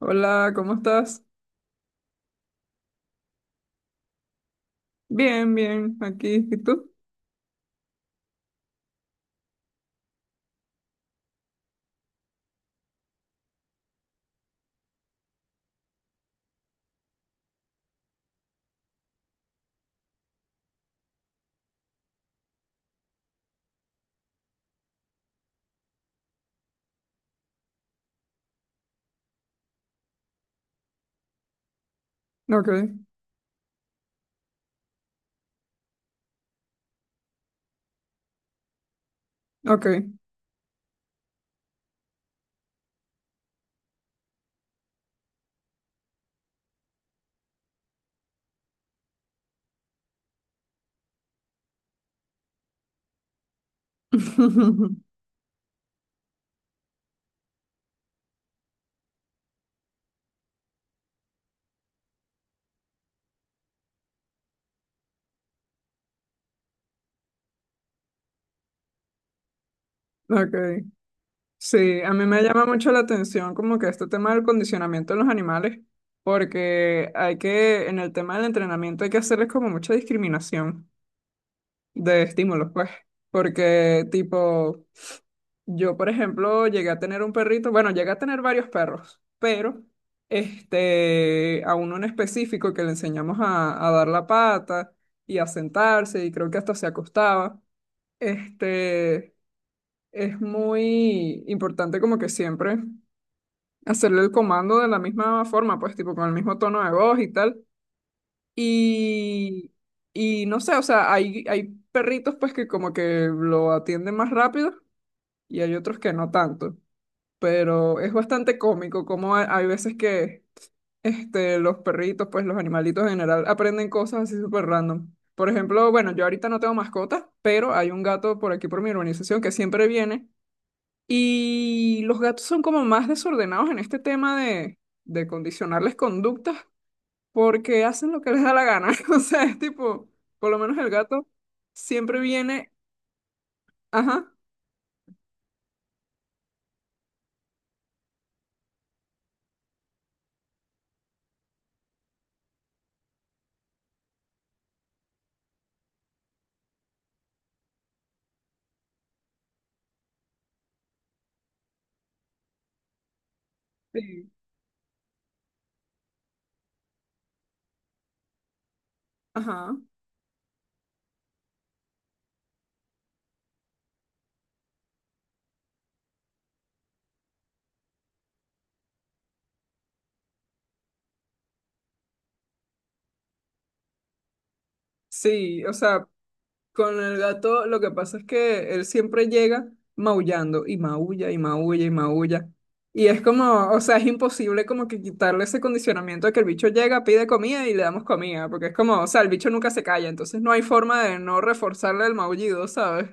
Hola, ¿cómo estás? Bien, bien, aquí. ¿Y tú? Ok, ok. Ok. Sí, a mí me llama mucho la atención como que este tema del condicionamiento de los animales, porque en el tema del entrenamiento hay que hacerles como mucha discriminación de estímulos, pues, porque tipo, yo, por ejemplo, llegué a tener un perrito, bueno, llegué a tener varios perros, pero a uno en específico que le enseñamos a dar la pata y a sentarse, y creo que hasta se acostaba. Este, es muy importante como que siempre hacerle el comando de la misma forma, pues tipo con el mismo tono de voz y tal. Y, y no sé, o sea, hay perritos pues que como que lo atienden más rápido y hay otros que no tanto. Pero es bastante cómico como hay veces que los perritos, pues los animalitos en general, aprenden cosas así súper random. Por ejemplo, bueno, yo ahorita no tengo mascota, pero hay un gato por aquí por mi urbanización que siempre viene y los gatos son como más desordenados en este de condicionarles conductas porque hacen lo que les da la gana. O sea, es tipo, por lo menos el gato siempre viene, ajá, sí, ajá. Sí, o sea, con el gato, lo que pasa es que él siempre llega maullando y maulla y maulla y maulla. Y es como, o sea, es imposible como que quitarle ese condicionamiento de que el bicho llega, pide comida y le damos comida, porque es como, o sea, el bicho nunca se calla, entonces no hay forma de no reforzarle el maullido, ¿sabes?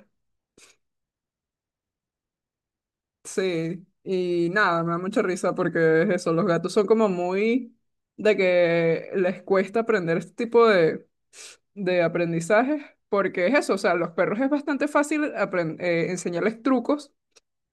Sí, y nada, me da mucha risa porque es eso, los gatos son como muy de que les cuesta aprender este de aprendizaje, porque es eso, o sea, a los perros es bastante fácil enseñarles trucos,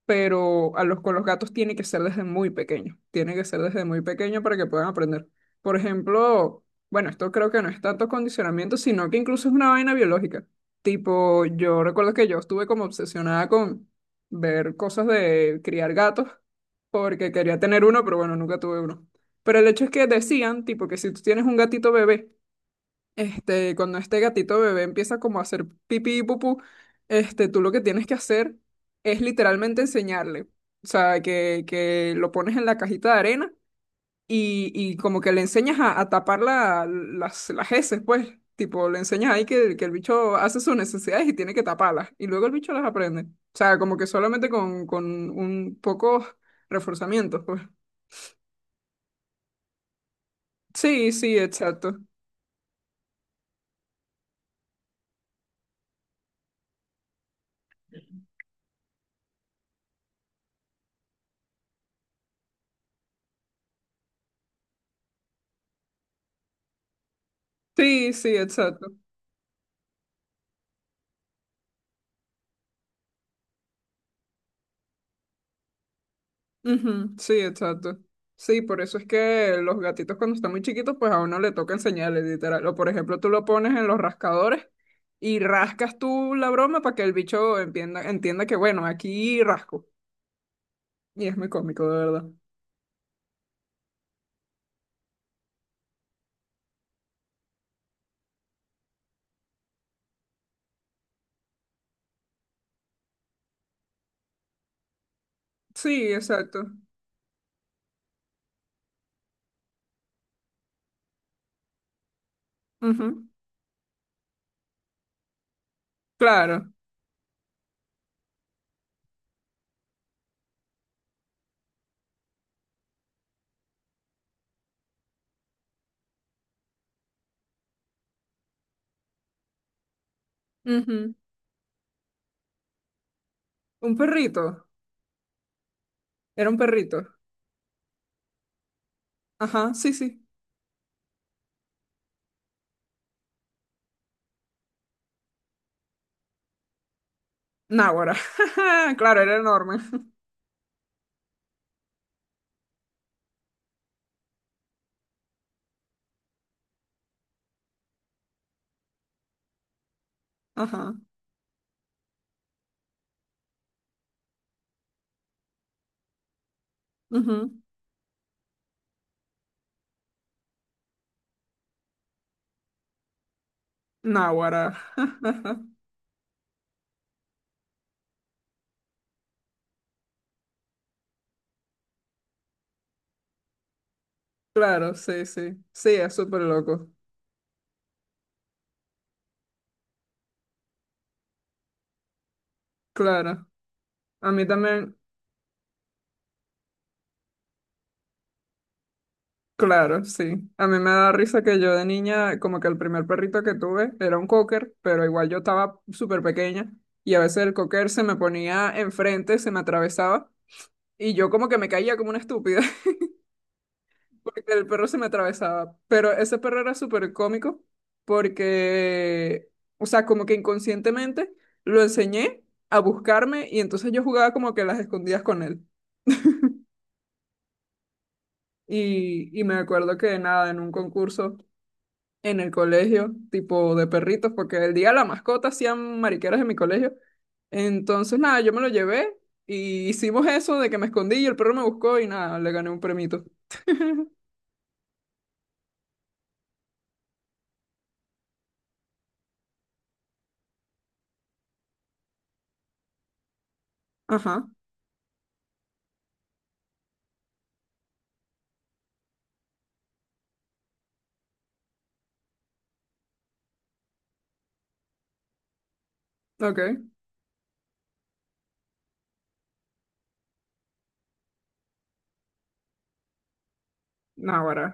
pero a los con los gatos tiene que ser desde muy pequeño, tiene que ser desde muy pequeño para que puedan aprender. Por ejemplo, bueno, esto creo que no es tanto condicionamiento, sino que incluso es una vaina biológica. Tipo, yo recuerdo que yo estuve como obsesionada con ver cosas de criar gatos, porque quería tener uno, pero bueno, nunca tuve uno. Pero el hecho es que decían, tipo, que si tú tienes un gatito bebé, cuando este gatito bebé empieza como a hacer pipí y pupú, tú lo que tienes que hacer es literalmente enseñarle. O sea, que lo pones en la cajita de arena y como que le enseñas a tapar las heces, pues. Tipo, le enseñas ahí que el bicho hace sus necesidades y tiene que taparlas. Y luego el bicho las aprende. O sea, como que solamente con un poco reforzamiento, pues. Sí, sí, exacto. Sí, sí, exacto. Ujú, sí, exacto. Sí, por eso es que los gatitos cuando están muy chiquitos, pues a uno le toca enseñarles, literal. O por ejemplo, tú lo pones en los rascadores y rascas tú la broma para que el bicho entienda, entienda que, bueno, aquí rasco. Y es muy cómico, de verdad. Sí, exacto. Ujú. Claro. Ujú. Un perrito. Era un perrito. Ajá, sí, sí. Náguara. Claro, era enorme. Ajá. Ujú. Náguara. Claro, sí, sí. Sí, es súper loco. Claro, a mí también, claro, sí. A mí me da risa que yo de niña, como que el primer perrito que tuve era un cocker, pero igual yo estaba súper pequeña y a veces el cocker se me ponía enfrente, se me atravesaba y yo como que me caía como una estúpida porque el perro se me atravesaba. Pero ese perro era súper cómico porque, o sea, como que inconscientemente lo enseñé a buscarme y entonces yo jugaba como que las escondidas con él. Y me acuerdo que nada, en un concurso en el colegio, tipo de perritos, porque el día de la mascota hacían mariqueras en mi colegio. Entonces, nada, yo me lo llevé y hicimos eso de que me escondí y el perro me buscó y nada, le gané un premito. Ajá, ok. Náguara.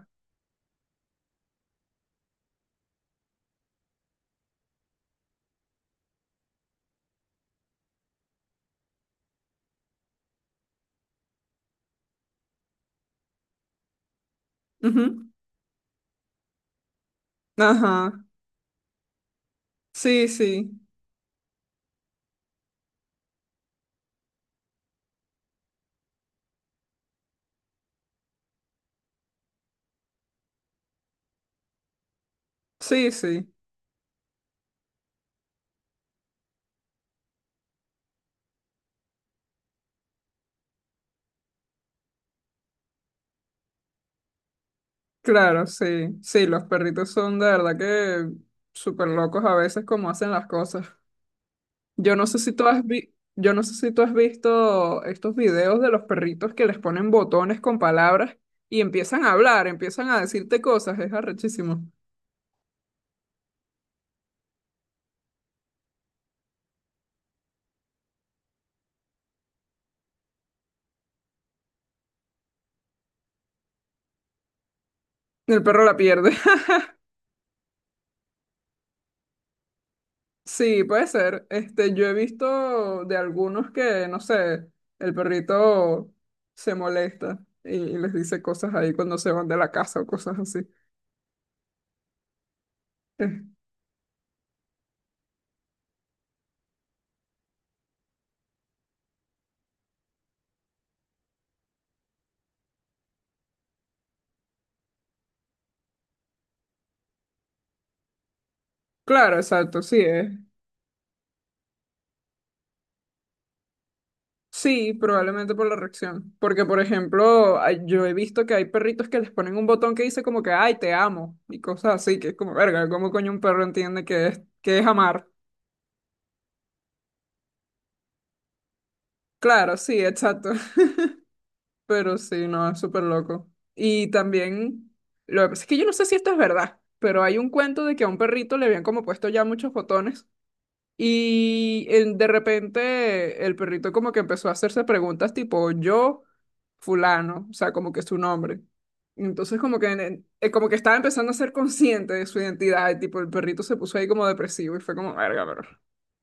Ujú. Ajá. Sí, sí. Sí, sí. Claro, sí. Sí, los perritos son de verdad que súper locos a veces como hacen las cosas. Yo no sé si tú has visto estos videos de los perritos que les ponen botones con palabras y empiezan a hablar, empiezan a decirte cosas, es arrechísimo. El perro la pierde. Sí, puede ser. Este, yo he visto de algunos que, no sé, el perrito se molesta y les dice cosas ahí cuando se van de la casa o cosas así. Eh, Claro, exacto, sí, es, sí, probablemente por la reacción. Porque, por ejemplo, yo he visto que hay perritos que les ponen un botón que dice como que, ay, te amo, y cosas así, que es como, verga, ¿cómo coño un perro entiende que es amar? Claro, sí, exacto. Pero sí, no, es súper loco. Y también, lo que pasa es que yo no sé si esto es verdad, pero hay un cuento de que a un perrito le habían como puesto ya muchos botones. De repente el perrito como que empezó a hacerse preguntas tipo yo, fulano, o sea, como que su nombre. Entonces como que, como que estaba empezando a ser consciente de su identidad y tipo el perrito se puso ahí como depresivo y fue como, verga, pero,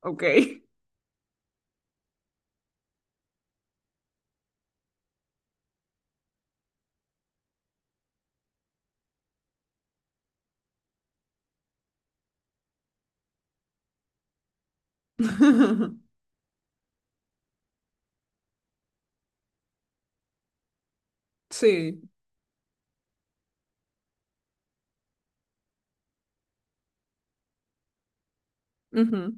ok. Sí, ujú,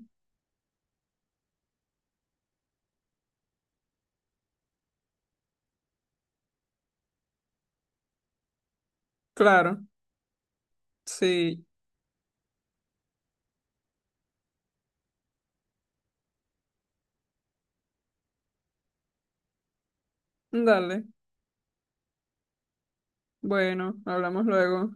claro, sí, dale. Bueno, hablamos luego.